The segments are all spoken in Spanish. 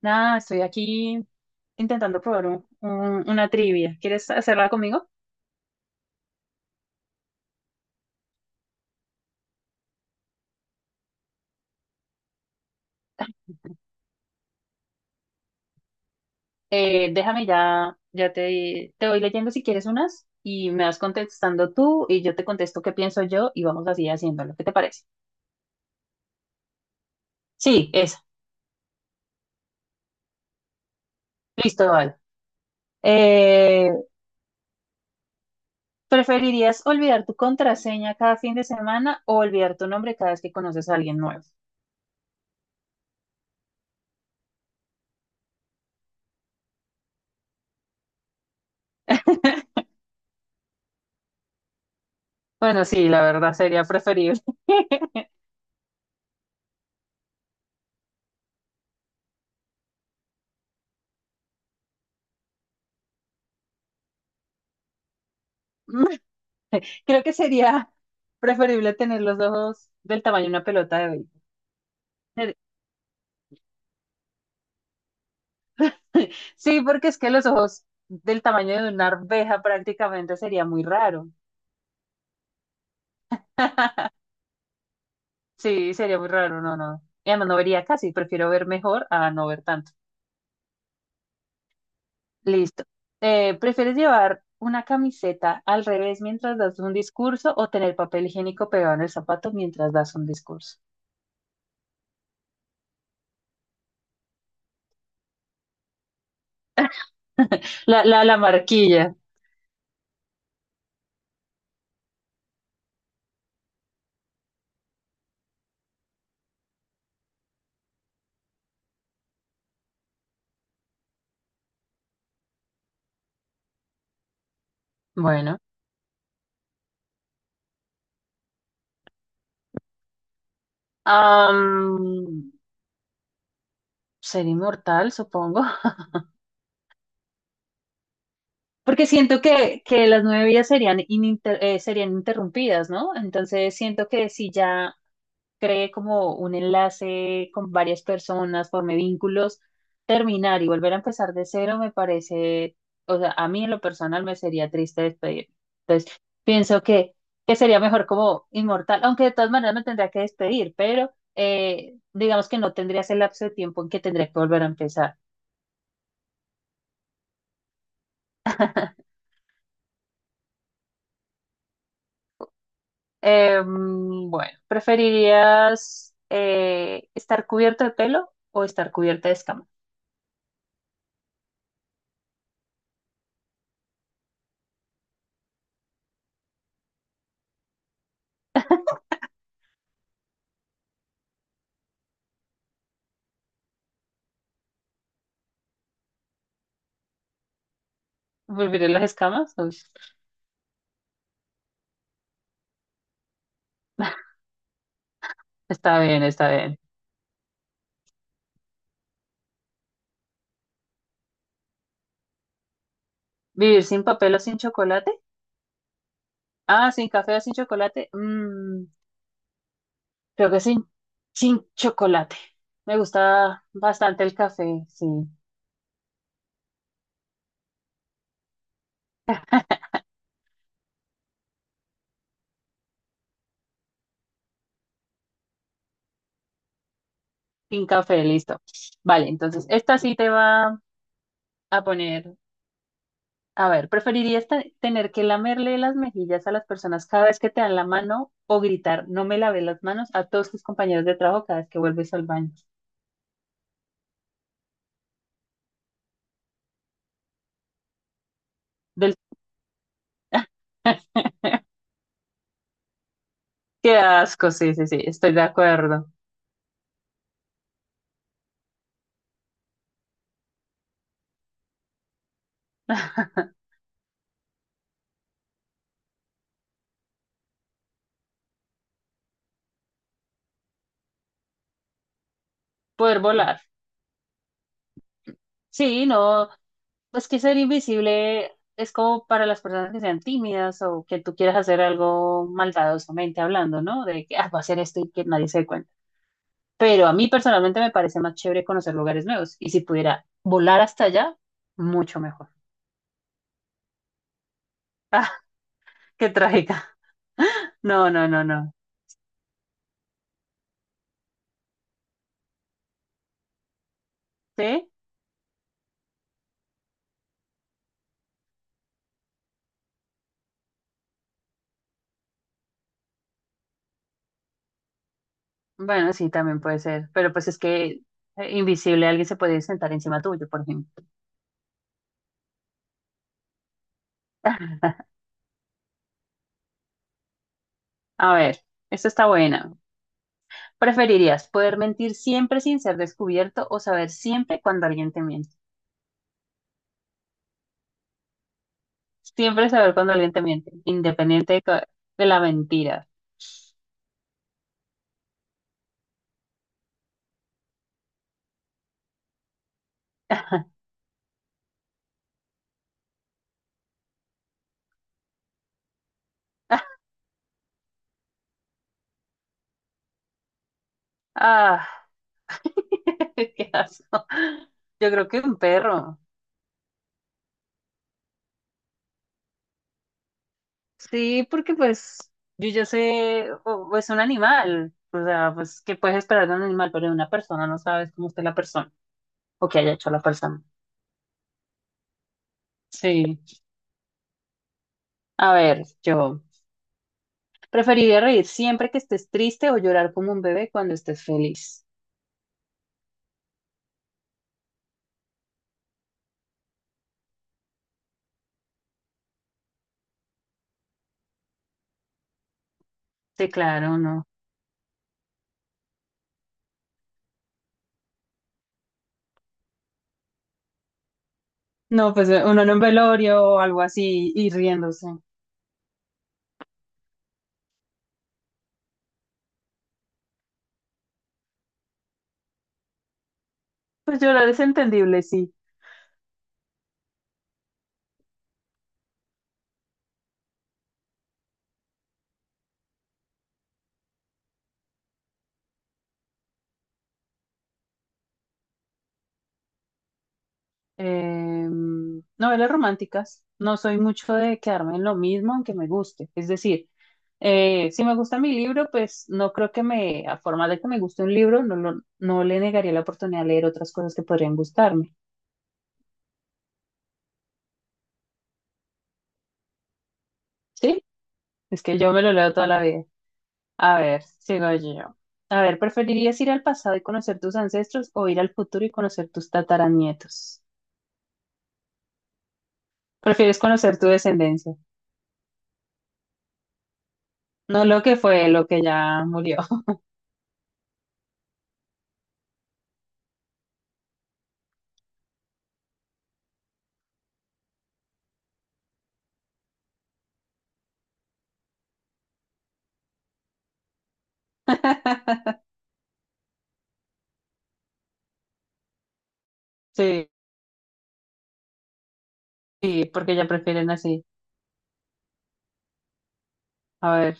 Nada, estoy aquí intentando probar una trivia. ¿Quieres hacerla conmigo? Déjame ya te voy leyendo si quieres unas y me vas contestando tú y yo te contesto qué pienso yo y vamos así haciéndolo. ¿Qué te parece? Sí, esa. Listo, vale. Eh, ¿Preferirías olvidar tu contraseña cada fin de semana o olvidar tu nombre cada vez que conoces a alguien nuevo? Bueno, sí, la verdad sería preferible. Creo que sería preferible tener los ojos del tamaño de una pelota de hoy. Sí, porque es que los ojos del tamaño de una arveja prácticamente sería muy raro. Sí, sería muy raro, no, no. Y además no vería casi, prefiero ver mejor a no ver tanto. Listo. ¿Prefieres llevar una camiseta al revés mientras das un discurso o tener papel higiénico pegado en el zapato mientras das un discurso? La marquilla. Bueno. am, Ser inmortal, supongo. Porque siento que las nueve vidas serían, serían interrumpidas, ¿no? Entonces siento que si ya cree como un enlace con varias personas, forme vínculos, terminar y volver a empezar de cero me parece, o sea, a mí en lo personal me sería triste despedir. Entonces pienso que sería mejor como inmortal, aunque de todas maneras me tendría que despedir, pero digamos que no tendría ese lapso de tiempo en que tendría que volver a empezar. Bueno, ¿preferirías estar cubierto de pelo o estar cubierta de escamas? ¿Volveré las escamas? Uy, está bien, está bien. ¿Vivir sin papel o sin chocolate? Ah, sin café o sin chocolate. Mm, creo que sin chocolate. Me gusta bastante el café, sí. Sin café, listo. Vale, entonces esta sí te va a poner. A ver, ¿preferirías tener que lamerle las mejillas a las personas cada vez que te dan la mano o gritar, no me lavé las manos a todos tus compañeros de trabajo cada vez que vuelves al baño? Del... Qué asco, sí, sí, sí, estoy de acuerdo. Poder volar. Sí, no, pues que ser invisible es como para las personas que sean tímidas o que tú quieras hacer algo maldadosamente hablando, ¿no? De que ah, voy a hacer esto y que nadie se dé cuenta. Pero a mí personalmente me parece más chévere conocer lugares nuevos y si pudiera volar hasta allá, mucho mejor. Ah, qué trágica. No, no, no, no. ¿Sí? Bueno, sí, también puede ser. Pero pues es que invisible alguien se puede sentar encima tuyo, por ejemplo. A ver, esto está buena. ¿Preferirías poder mentir siempre sin ser descubierto o saber siempre cuando alguien te miente? Siempre saber cuando alguien te miente, independiente de, de la mentira. Ah, qué asco. Yo creo que un perro. Sí, porque pues yo ya sé, o es un animal, o sea, pues qué puedes esperar de un animal, pero de una persona no sabes cómo está la persona o qué haya hecho la persona. Sí, a ver, yo preferiría reír siempre que estés triste o llorar como un bebé cuando estés feliz. Sí, claro, no. No, pues uno en un velorio o algo así y riéndose. Pues llorar es entendible, sí. Eh, Novelas románticas. No soy mucho de quedarme en lo mismo, aunque me guste. Es decir, si me gusta mi libro, pues no creo que me, a forma de que me guste un libro, no, no le negaría la oportunidad de leer otras cosas que podrían gustarme. ¿Sí? Es que yo me lo leo toda la vida. A ver, sigo yo. A ver, ¿preferirías ir al pasado y conocer tus ancestros o ir al futuro y conocer tus tataranietos? ¿Prefieres conocer tu descendencia? No lo que fue, lo que ya murió. Sí. Sí, porque ya prefieren así. A ver,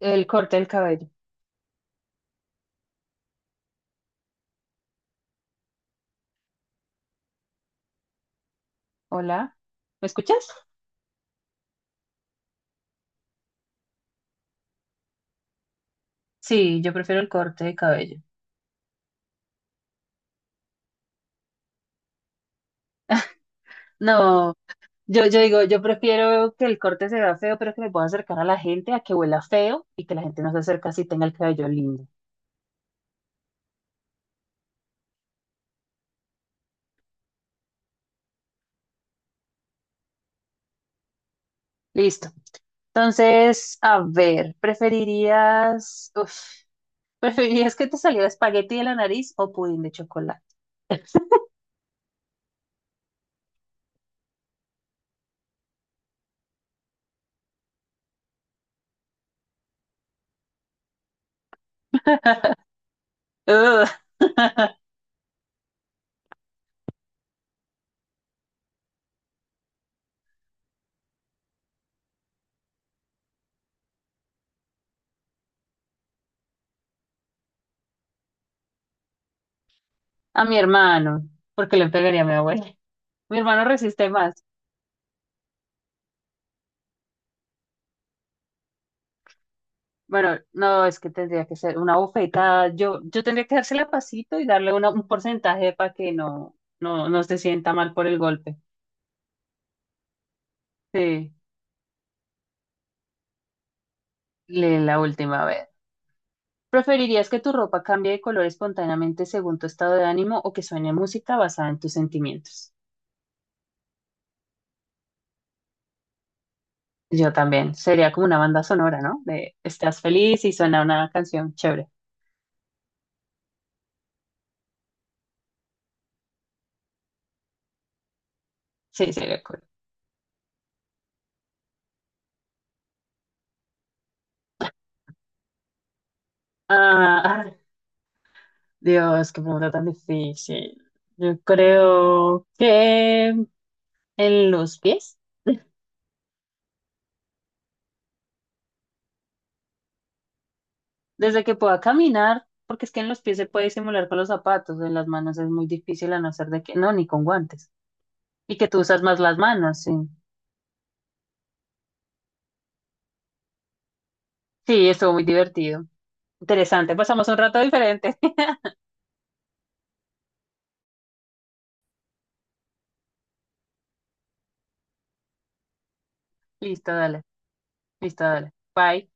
el corte del cabello. Hola, ¿me escuchas? Sí, yo prefiero el corte de cabello. No, yo digo, yo prefiero que el corte se vea feo, pero que me pueda acercar a la gente, a que huela feo y que la gente no se acerque si tenga el cabello lindo. Listo. Entonces, a ver, ¿preferirías que te saliera espagueti de la nariz o pudín de chocolate? Ugh. A mi hermano, porque le pegaría a mi abuela. Mi hermano resiste más. Bueno, no, es que tendría que ser una bofetada. Yo tendría que dársela pasito y darle un porcentaje para que no, no, no se sienta mal por el golpe. Sí, lee la última vez. ¿Preferirías que tu ropa cambie de color espontáneamente según tu estado de ánimo o que suene música basada en tus sentimientos? Yo también. Sería como una banda sonora, ¿no? De estás feliz y suena una canción chévere. Sí, sería cool. Ah, ay, Dios, qué pregunta tan difícil. Yo creo que. En los pies, desde que pueda caminar, porque es que en los pies se puede simular con los zapatos, en las manos es muy difícil a no ser de que, no, ni con guantes, y que tú usas más las manos, sí. Sí, estuvo muy divertido. Interesante, pasamos un rato diferente. Listo, dale, listo, dale. Bye.